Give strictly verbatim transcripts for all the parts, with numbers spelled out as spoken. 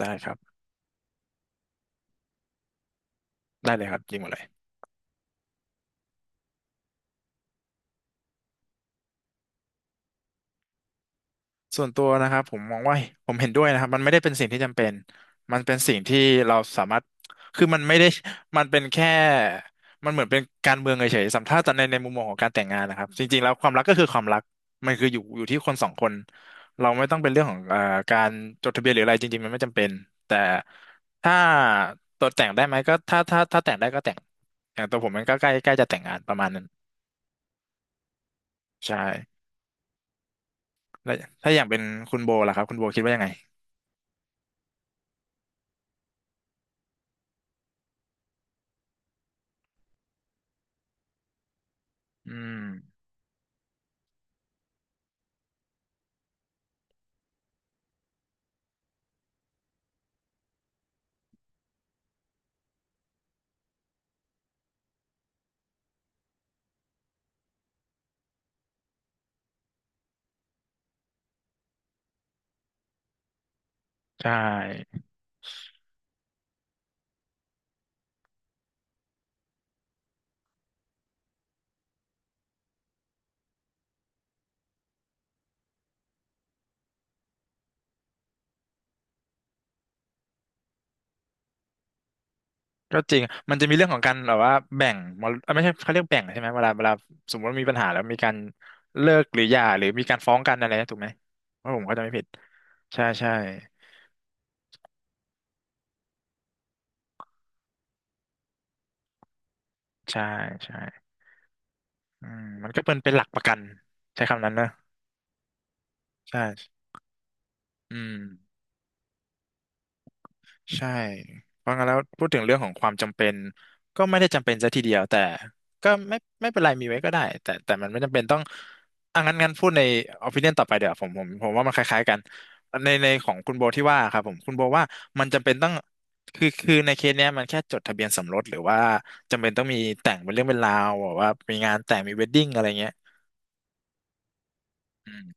ได้ครับได้เลยครับยิงหมดเลยส่วนตัวนะครับผมมองว่าผมเห็นด้วยนะครับมันไม่ได้เป็นสิ่งที่จำเป็นมันเป็นสิ่งที่เราสามารถคือมันไม่ได้มันเป็นแค่มันเหมือนเป็นการเมืองเฉยๆสำหรับถ้าตอในในมุมมองของการแต่งงานนะครับจริงๆแล้วความรักก็คือความรักมันคืออยู่อยู่ที่คนสองคนเราไม่ต้องเป็นเรื่องของเอ่อการจดทะเบียนหรืออะไรจริงๆมันไม่จำเป็นแต่ถ้าตัวแต่งได้ไหมก็ถ้าถ้าถ้าแต่งได้ก็แต่งอย่างตัวผมมันก็ใกล้ใกล้จะแต่งงานประมาณนั้นใช่ แล้วถ้าอย่างเป็นคุณโบล่ะครับคุณโบคิดว่ายังไงอืมใช่ก็จริงมันจะมีเรื่องของการแบบว่าแบ่งมรเอ้ยไม่ใช่เขาเรียกแบ่งใช่ไหมเวลาเวลาสมมติว่ามีปัญหาแล้วมีการเลิกหรือหย่าหรือมีการฟ้องกันอะไรนะถูกไหมว่าผมก็จะไม่ผิดใช่ใช่ใช่ใช่อืมมันก็เป็นเป็นหลักประกันใช้คำนั้นนะใช่อืม ใช่เพราะงั้นแล้วพูดถึงเรื่องของความจำเป็นก็ไม่ได้จำเป็นซะทีเดียวแต่ก็ไม่ไม่เป็นไรมีไว้ก็ได้แต่แต่มันไม่จำเป็นต้องอ่ะงั้นงั้นพูดใน โอพิเนียน ต่อไปเดี๋ยวผมผมผมว่ามันคล้ายๆกันในในของคุณโบที่ว่าครับผมคุณโบว่ามันจำเป็นต้องคือคือในเคสเนี้ยมันแค่จดทะเบียนสมรสหรือว่าจำเป็นต้องมีแต่งเป็นเรื่องเป็นราวแบบว่ามีงานแต่งมีเวดดิ้งอะไรเงี้ยอืม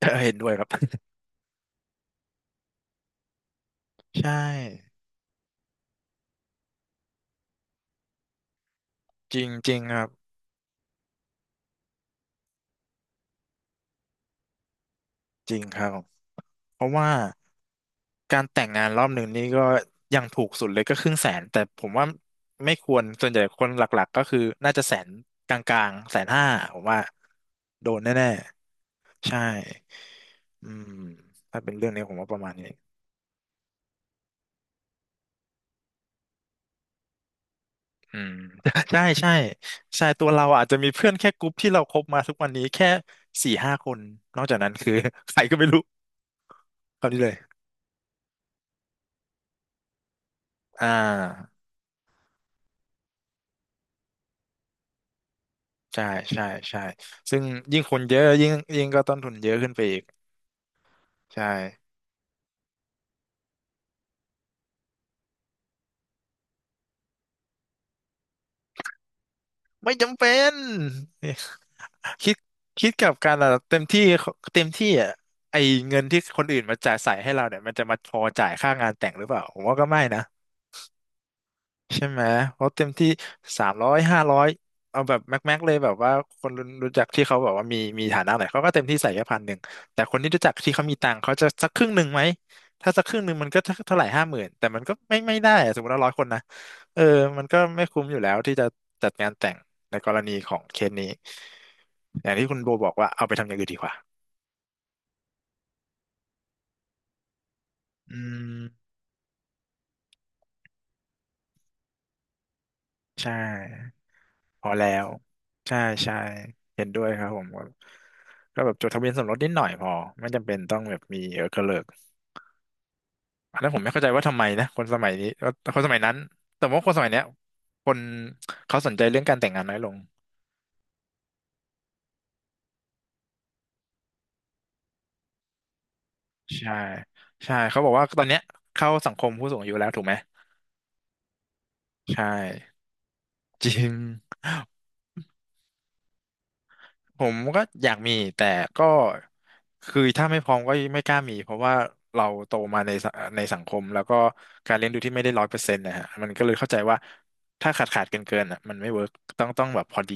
เออเห็นด้วยครับใช่จริงจริงครับ จริงครับเพราะว่าการแต่งงานรอบหนึ่งนี่ก็ยังถูกสุดเลยก็ครึ่งแสนแต่ผมว่าไม่ควรส่วนใหญ่คนหลักๆก็คือน่าจะแสนกลางๆแสนห้าผมว่าโดนแน่ๆใช่อืมถ้าเป็นเรื่องนี้ผมว่าประมาณนี้อืม ใช่ใช่ใช่ตัวเราอาจจะมีเพื่อนแค่กลุ่มที่เราคบมาทุกวันนี้แค่สี่ห้าคนนอกจากนั้นคือ ใครก็ไม่รู้คราวนี้เลยอ่า ใช่ใช่ใช่ซึ่งยิ่งคนเยอะยิ่งยิ่งก็ต้นทุนเยอะขึ้นไปอีกใช่ไม่จำเป็น คิดคิดกับการเราเต็มที่เต็มที่อ่ะไอเงินที่คนอื่นมาจ่ายใส่ให้เราเนี่ยมันจะมาพอจ่ายค่างานแต่งหรือเปล่าผมว่าก็ไม่นะ ใช่ไหมเพราะเต็มที่สามร้อยห้าร้อยเอาแบบแม็กแม็กเลยแบบว่าคนรู้รู้จักที่เขาแบบว่ามีมีฐานะหน่อยเขาก็เต็มที่ใส่แค่พันหนึ่งแต่คนที่รู้จักที่เขามีตังค์เขาจะสักครึ่งหนึ่งไหมถ้าสักครึ่งหนึ่งมันก็เท่าไหร่ห้าหมื่นแต่มันก็ไม่ไม่ได้อะสมมติว่าร้อยคนนะเออมันก็ไม่คุ้มอยู่แล้วที่จะจัดงานแต่งในกรณีของเคสนี้อย่างที่คุณโบบอกว่าเอาไปทำอย่างอื่นดีกว่าอืมใช่ พอแล้วใช่ใช่เห็นด้วยครับผมก็ก็แบบจดทะเบียนสมรสนิดหน่อยพอไม่จำเป็นต้องแบบมีเออกระเลิกอันนั้นผมไม่เข้าใจว่าทำไมนะคนสมัยนี้ว่าคนสมัยนั้นแต่ว่าคนสมัยเนี้ยคนเขาสนใจเรื่องการแต่งงานน้อยลงใช่ใช่เขาบอกว่าตอนเนี้ยเข้าสังคมผู้สูงอายุแล้วถูกไหมใช่จริง ผมก็อยากมีแต่ก็คือถ้าไม่พร้อมก็ไม่กล้ามีเพราะว่าเราโตมาในสในสังคมแล้วก็การเลี้ยงดูที่ไม่ได้ร้อยเปอร์เซ็นต์นะฮะมันก็เลยเข้าใจว่าถ้าขาดขาดเกินเกินอ่ะมันไม่เวิร์กต้องต้องแบบพอดี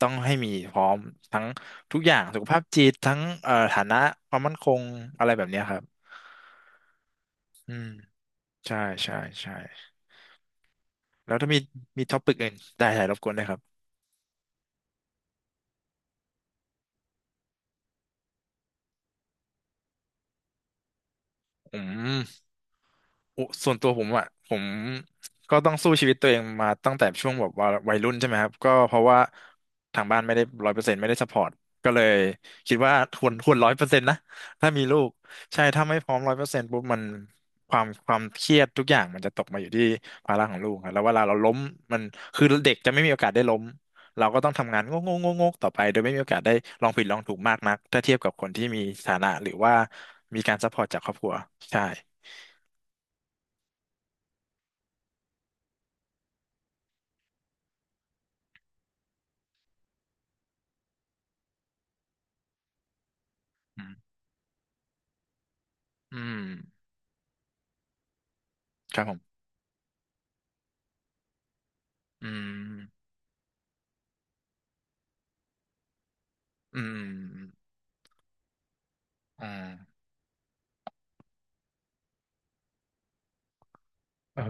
ต้องให้มีพร้อมทั้งทุกอย่างสุขภาพจิตทั้งเอ่อฐานะความมั่นคงอะไรแบบเนี้ยครับอืมใช่ใช่ใช่แล้วถ้ามีมีท็อปิกอื่นได้ถ่ายรบกวนได้วยครับอืม โอ้ส่วนตัวผมอ่ะผมก็ต้องสู้ชีวิตตัวเองมาตั้งแต่ช่วงแบบว่าวัยรุ่นใช่ไหมครับก็เพราะว่าทางบ้านไม่ได้ร้อยเปอร์เซ็นต์ไม่ได้สปอร์ตก็เลยคิดว่าควรควรร้อยเปอร์เซ็นต์นะถ้ามีลูกใช่ถ้าไม่พร้อมร้อยเปอร์เซ็นต์ปุ๊บมันความความเครียดทุกอย่างมันจะตกมาอยู่ที่ภาระของลูกครับแล้วเวลาเราล้มมันคือเด็กจะไม่มีโอกาสได้ล้มเราก็ต้องทำงานงกงกงกๆต่อไปโดยไม่มีโอกาสได้ลองผิดลองถูกมากนักถ้าเทียบกับคนที่มีฐานะหรือว่ามีการซัพพอร์ตจากครอบครัวใช่ อืมครับผมอืมอืมอืมอ่าเออ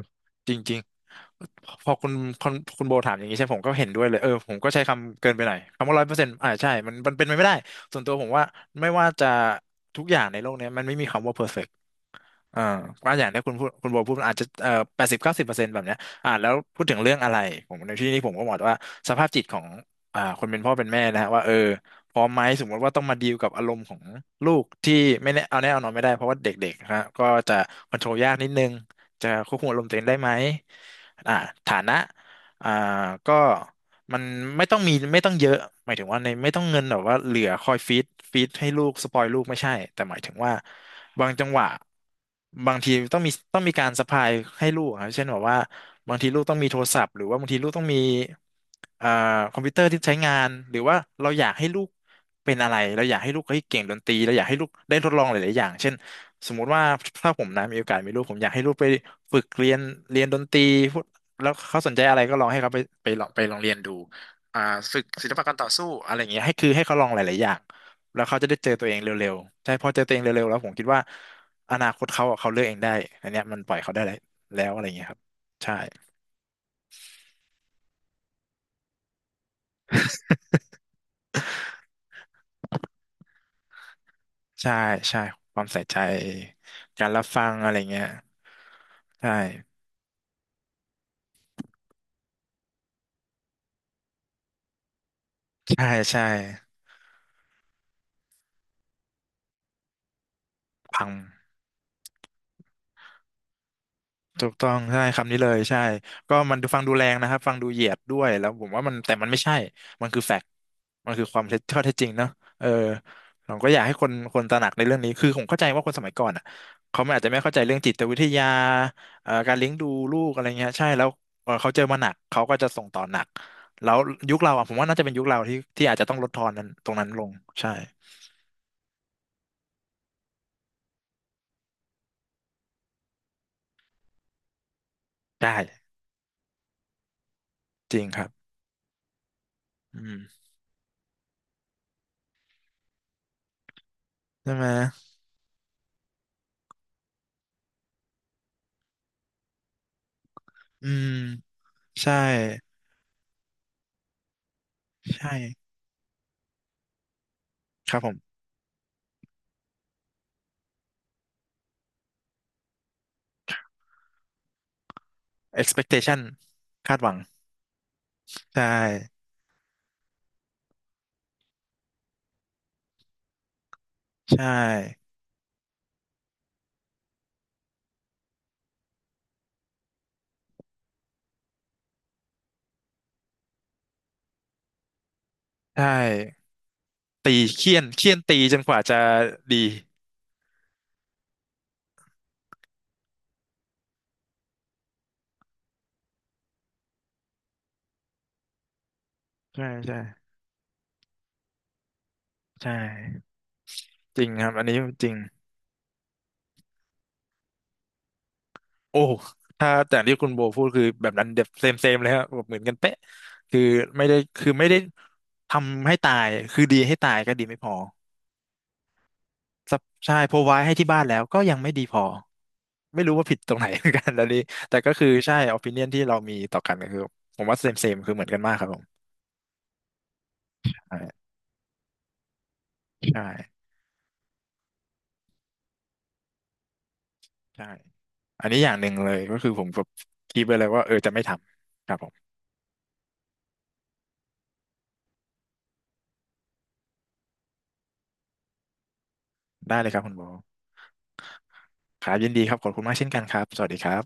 จริงๆพอคุณคุณคุณโบถามอย่างนี้ใช่ผมก็เห็นด้วยเลยเออผมก็ใช้คำเกินไปหน่อย คำว่าร้อยเปอร์เซ็นต์อ่าใช่มันมันเป็นไปไม่ได้ส่วนตัวผมว่าไม่ว่าจะทุกอย่างในโลกเนี้ยมันไม่มีคำว่าเพอร์เฟก เออก็อย่างที่คุณพูดคุณโบพูดมันอาจจะเอ่อแปดสิบเก้าสิบเปอร์เซ็นต์แบบเนี้ยอ่าแล้วพูดถึงเรื่องอะไรผมในที่นี้ผมก็บอกว่าสภาพจิตของอ่าคนเป็นพ่อเป็นแม่นะฮะว่าเออพร้อมไหมสมมติว่าต้องมาดีลกับอารมณ์ของลูกที่ไม่แน่เอาแน่เอานอนไม่ได้เพราะว่าเด็กๆนะฮะก็จะคอนโทรลยากนิดนึงจะควบคุมอารมณ์ตัวเองได้ไหมอ่าฐานะอ่าก็ มันไม่ต้องมีไม่ต้องเยอะหมายถึงว่าในไม่ต้องเงินแบบว่าเหลือคอยฟีดฟีดให้ลูกสปอยลูกไม่ใช่แต่หมายถึงว่าบางจังหวะบางทีต้องมีต้องมีการสะพายให้ลูกครับเช่นแบบว่าบางทีลูกต้องมีโทรศัพท์หรือว่าบางทีลูกต้องมีเอ่อคอมพิวเตอร์ที่ใช้งานหรือว่าเราอยากให้ลูกเป็นอะไรเราอยากให้ลูกเฮ้ยเก่งดนตรีเราอยากให้ลูกได้ทดลองหลายๆอย่างเช่นสมมุติว่าถ้าผมนะมีโอกาสมีลูกผมอยากให้ลูกไปฝึกเรียนเรียนดนตรี แล้วเขาสนใจอะไรก็ลองให้เขาไปไปลองไปลองเรียนดูอ่าฝึกศิลปะการต่อสู้อะไรอย่างเงี้ยให้คือให้เขาลองหลายๆอย่างแล้วเขาจะได้เจอตัวเองเร็วๆใช่พอเจอตัวเองเร็วๆ แล้วผมคิดว่าอนาคตเขาอะเขาเลือกเองได้อันเนี้ยมันปล่อยเขาได้แล้วแล้วอะไรอย่างเงี้ยครับใช่ใช่ใช่ความใส่ใจการรับฟังอะไรเงี้ยใช่ใช่ใช่พัง ถูกต้องใช่คำนี้เลยใช่ก็มันดูฟังดูแรงนะครับฟังดูเหยียดด้วยแล้วผมว่ามันแต่มันไม่ใช่มันคือแฟกต์มันคือความเท็จข้อเท็จจริงเนาะเออผมก็อยากให้คนคนตระหนักในเรื่องนี้คือผมเข้าใจว่าคนสมัยก่อนอ่ะเขาอาจจะไม่เข้าใจเรื่องจิตวิทยาเอ่อการเลี้ยงดูลูกอะไรเงี้ยใช่แล้วเอ่อเขาเจอมาหนักเขาก็จะส่งต่อหนักแล้วยุคเราอ่ะผมว่าน่าจะเป็นยุคเราที่ที่อาจจะต้องลดทอนนั้นตรงนั้นลงใช่ได้จริงครับอืมใช่ไหมอืมใช่ใช่ครับผม expectation คาดหวังใช่ใช่ใช่ตีเคี่ยนเคี่ยนตีจนกว่าจะดีใช่ใช่ใช่จริงครับอันนี้จริงโอ้ถ้าแต่ที่คุณโบพูดคือแบบนั้นเดบเซมเซมเลยครับแบบเหมือนกันเป๊ะคือไม่ได้คือไม่ได้ทำให้ตายคือดีให้ตายก็ดีไม่พอซับใช่พอไว้ให้ที่บ้านแล้วก็ยังไม่ดีพอไม่รู้ว่าผิดตรงไหน เหมือนกันแล้วนี้แต่ก็คือใช่ opinion ที่เรามีต่อกันก็คือผมว่าเซมเซมคือเหมือนกันมากครับผม ใช่ใช่อันนี้อย่างหนึ่งเลยก็คือผมแบบคิดไปเลยว่าเออจะไม่ทำครับผมได้เลยครับคุณโบครับยินดีครับขอบคุณมากเช่นกันครับสวัสดีครับ